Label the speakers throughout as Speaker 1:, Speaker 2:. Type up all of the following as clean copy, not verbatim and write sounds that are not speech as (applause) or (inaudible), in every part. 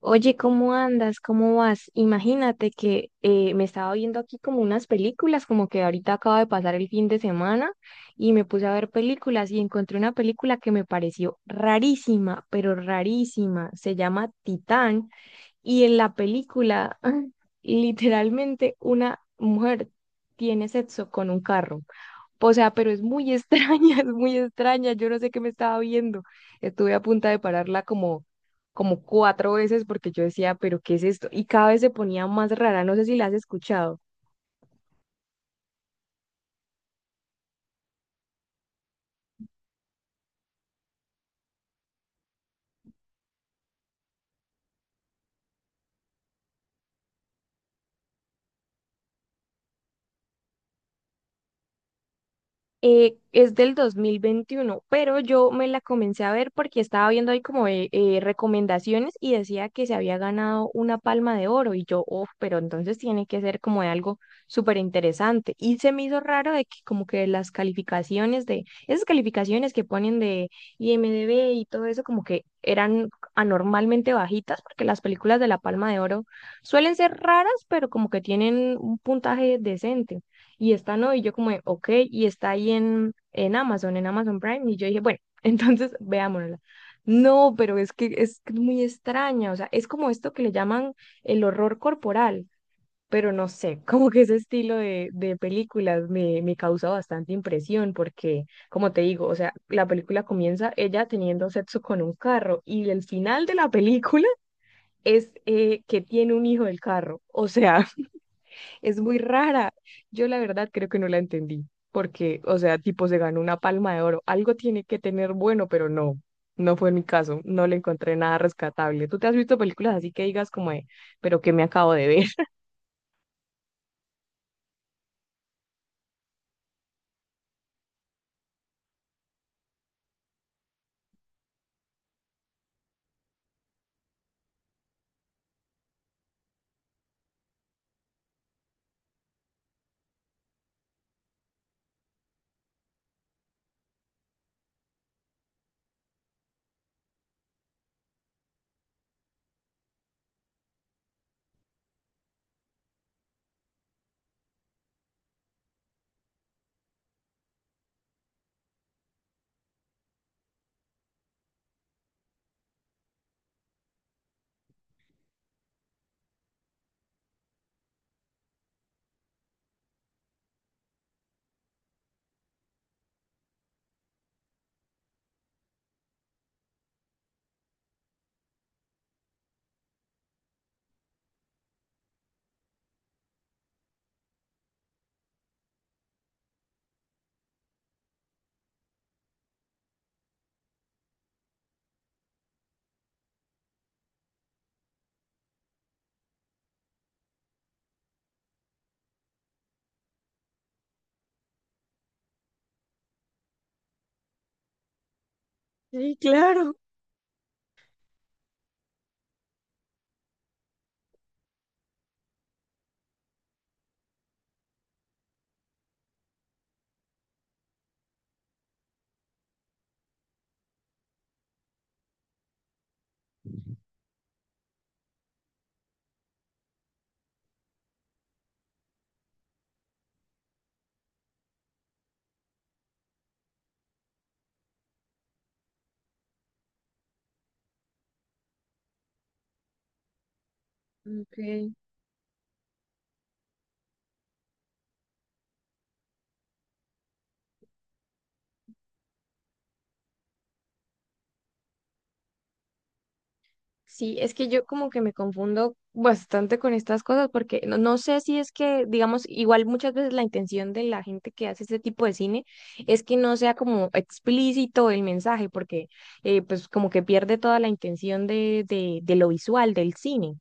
Speaker 1: Oye, ¿cómo andas? ¿Cómo vas? Imagínate que me estaba viendo aquí como unas películas, como que ahorita acaba de pasar el fin de semana y me puse a ver películas y encontré una película que me pareció rarísima, pero rarísima. Se llama Titán y en la película (laughs) literalmente una mujer tiene sexo con un carro. O sea, pero es muy extraña, (laughs) es muy extraña. Yo no sé qué me estaba viendo. Estuve a punta de pararla como cuatro veces porque yo decía, pero ¿qué es esto? Y cada vez se ponía más rara. No sé si la has escuchado. Es del 2021, pero yo me la comencé a ver porque estaba viendo ahí como recomendaciones y decía que se había ganado una palma de oro y yo, oh, pero entonces tiene que ser como de algo súper interesante. Y se me hizo raro de que como que esas calificaciones que ponen de IMDb y todo eso como que eran anormalmente bajitas porque las películas de la palma de oro suelen ser raras, pero como que tienen un puntaje decente y esta no, y yo como de, ok, y está ahí en Amazon, en Amazon Prime, y yo dije, bueno, (laughs) entonces veámosla. No, pero es que es muy extraña, o sea, es como esto que le llaman el horror corporal, pero no sé, (laughs) como que ese estilo de películas me causa bastante impresión porque, como te digo, o sea, la película comienza ella teniendo sexo con un carro y el final de la película es que tiene un hijo del carro, o sea. Es muy rara. Yo la verdad creo que no la entendí, porque, o sea, tipo se ganó una palma de oro. Algo tiene que tener bueno, pero no, no fue mi caso. No le encontré nada rescatable. ¿Tú te has visto películas así que digas como de, pero qué me acabo de ver? (laughs) Sí, claro. Ok. Sí, es que yo como que me confundo bastante con estas cosas porque no, no sé si es que, digamos, igual muchas veces la intención de la gente que hace este tipo de cine es que no sea como explícito el mensaje porque pues como que pierde toda la intención de lo visual, del cine.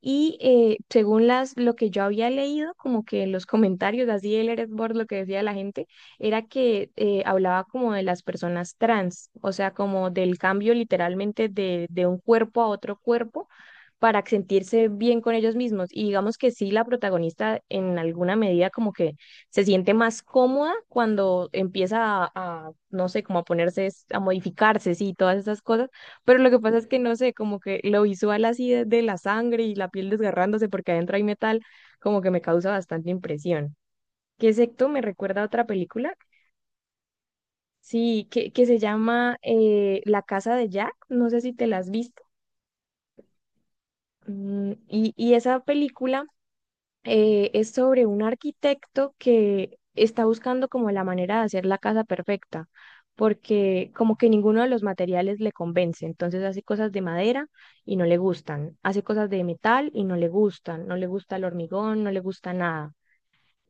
Speaker 1: Y según lo que yo había leído, como que en los comentarios, así el Reddit board, lo que decía la gente, era que hablaba como de las personas trans, o sea, como del cambio literalmente de un cuerpo a otro cuerpo para sentirse bien con ellos mismos. Y digamos que sí, la protagonista en alguna medida como que se siente más cómoda cuando empieza no sé, como a a modificarse, sí, todas esas cosas. Pero lo que pasa es que, no sé, como que lo visual así de la sangre y la piel desgarrándose porque adentro hay metal, como que me causa bastante impresión. ¿Qué secto me recuerda a otra película? Sí, que se llama La Casa de Jack, no sé si te la has visto. Y esa película es sobre un arquitecto que está buscando como la manera de hacer la casa perfecta, porque como que ninguno de los materiales le convence, entonces hace cosas de madera y no le gustan, hace cosas de metal y no le gustan, no le gusta el hormigón, no le gusta nada.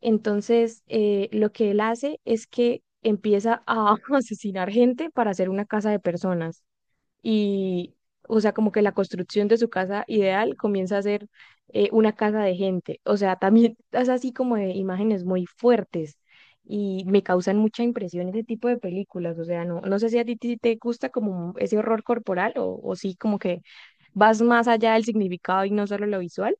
Speaker 1: Entonces, lo que él hace es que empieza a (laughs) asesinar gente para hacer una casa de personas y, o sea, como que la construcción de su casa ideal comienza a ser una casa de gente. O sea, también es así como de imágenes muy fuertes y me causan mucha impresión ese tipo de películas. O sea, no, no sé si a ti te gusta como ese horror corporal o sí como que vas más allá del significado y no solo lo visual.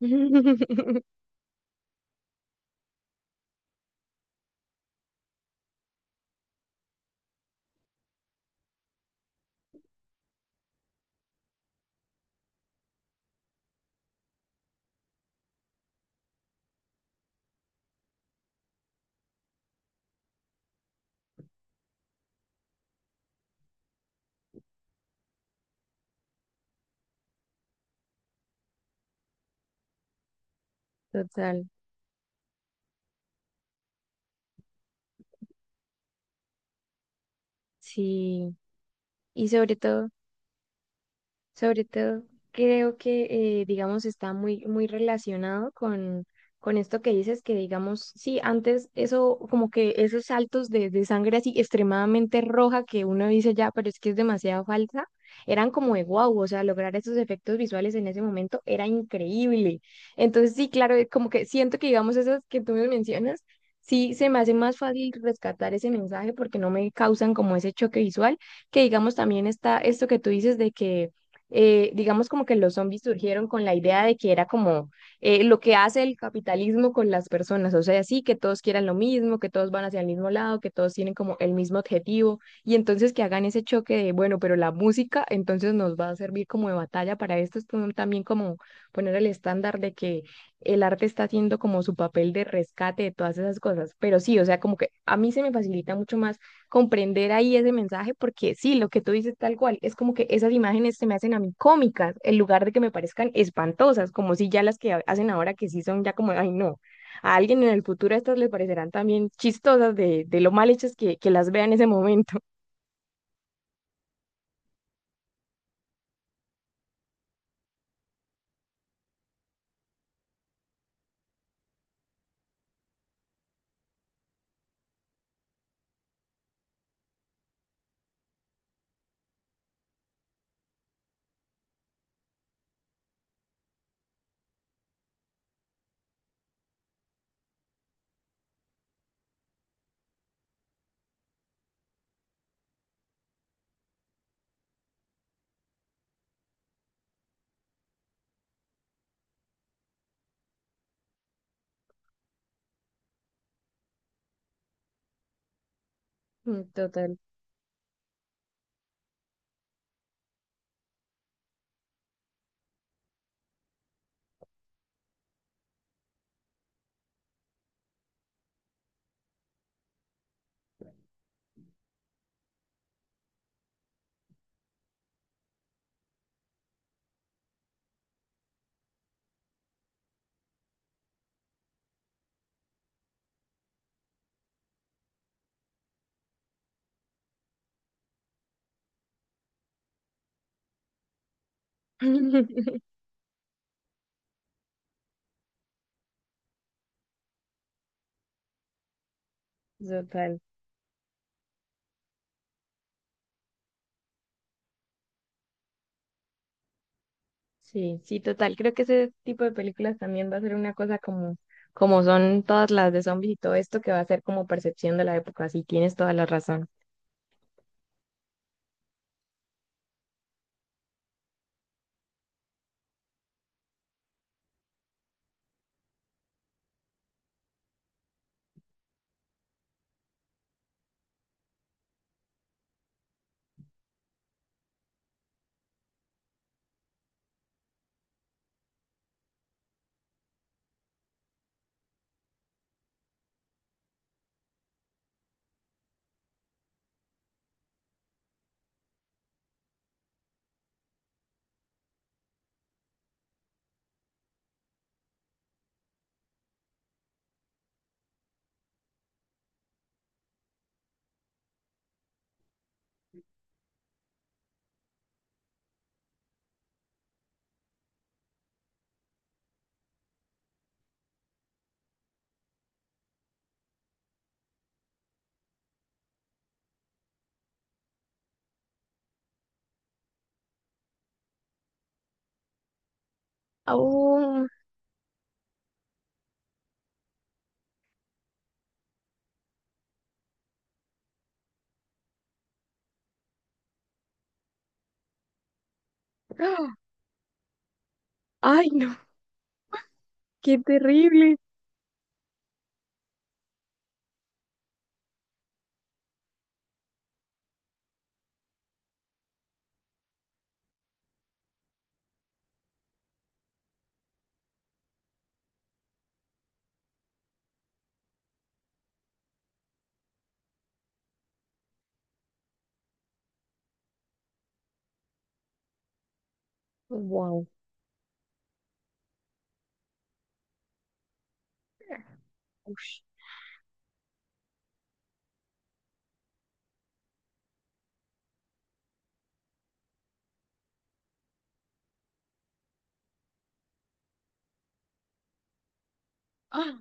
Speaker 1: (laughs) Total, sí. Y sobre todo... Sobre todo, creo que, digamos, está muy, muy relacionado con esto que dices, que digamos, sí, antes eso, como que esos saltos de sangre así extremadamente roja que uno dice ya, pero es que es demasiado falsa, eran como de wow, o sea, lograr esos efectos visuales en ese momento era increíble. Entonces, sí, claro, como que siento que, digamos, esas que tú me mencionas, sí, se me hace más fácil rescatar ese mensaje porque no me causan como ese choque visual, que digamos también está esto que tú dices de que digamos como que los zombies surgieron con la idea de que era como lo que hace el capitalismo con las personas, o sea, sí, que todos quieran lo mismo, que todos van hacia el mismo lado, que todos tienen como el mismo objetivo, y entonces que hagan ese choque de, bueno, pero la música entonces nos va a servir como de batalla para esto, es como también como poner el estándar de que el arte está haciendo como su papel de rescate de todas esas cosas, pero sí, o sea, como que a mí se me facilita mucho más comprender ahí ese mensaje, porque sí, lo que tú dices tal cual, es como que esas imágenes se me hacen a mí cómicas, en lugar de que me parezcan espantosas, como si ya las que hacen ahora que sí son ya como, ay no, a alguien en el futuro estas les parecerán también chistosas de lo mal hechas que las vea en ese momento. Mm, total. (laughs) Total. Sí, sí, total. Creo que ese tipo de películas también va a ser una cosa como son todas las de zombies y todo esto que va a ser como percepción de la época. Sí, tienes toda la razón. Au. Ay, no, qué terrible. Wow. Ah,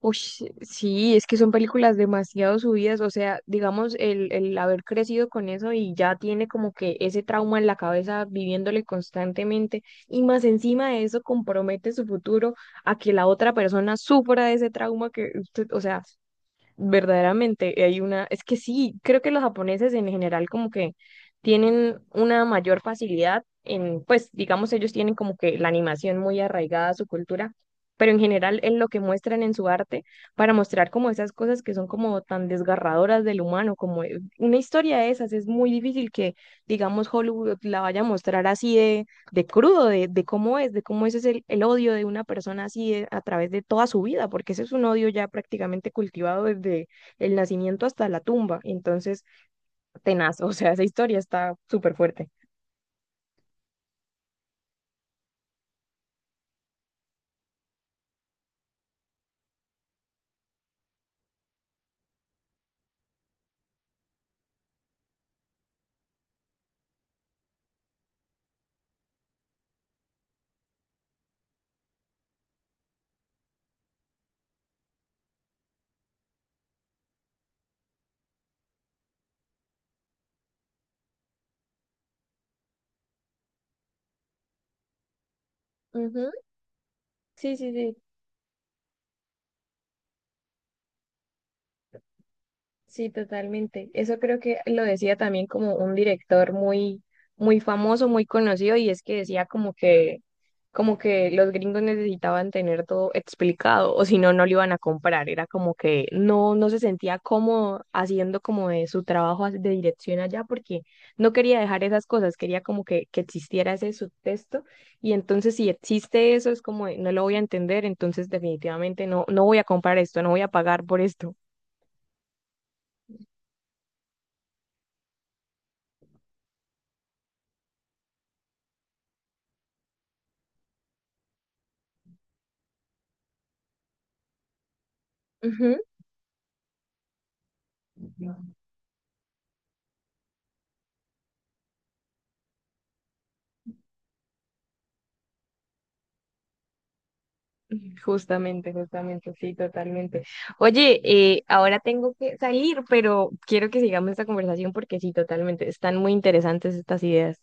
Speaker 1: uy, sí, es que son películas demasiado subidas, o sea, digamos, el haber crecido con eso y ya tiene como que ese trauma en la cabeza viviéndole constantemente y más encima de eso compromete su futuro a que la otra persona sufra de ese trauma que usted, o sea, verdaderamente hay una, es que sí, creo que los japoneses en general como que tienen una mayor facilidad en, pues digamos ellos tienen como que la animación muy arraigada a su cultura, pero en general en lo que muestran en su arte para mostrar como esas cosas que son como tan desgarradoras del humano, como una historia de esas, es muy difícil que digamos Hollywood la vaya a mostrar así de crudo, de cómo es, de cómo ese es el odio de una persona así a través de toda su vida, porque ese es un odio ya prácticamente cultivado desde el nacimiento hasta la tumba. Entonces, tenaz, (laughs) o sea, esa historia está súper fuerte. Ujú. Sí, sí, sí. Sí, totalmente. Eso creo que lo decía también como un director muy, muy famoso, muy conocido, y es que decía como que, los gringos necesitaban tener todo explicado, o si no, no lo iban a comprar. Era como que no, no se sentía cómodo haciendo como de su trabajo de dirección allá, porque no quería dejar esas cosas, quería como que existiera ese subtexto, y entonces si existe eso, es como de, no lo voy a entender, entonces definitivamente no, no voy a comprar esto, no voy a pagar por esto. Ujú. (laughs) Justamente, justamente, sí, totalmente. Oye, ahora tengo que salir, pero quiero que sigamos esta conversación porque sí, totalmente, están muy interesantes estas ideas.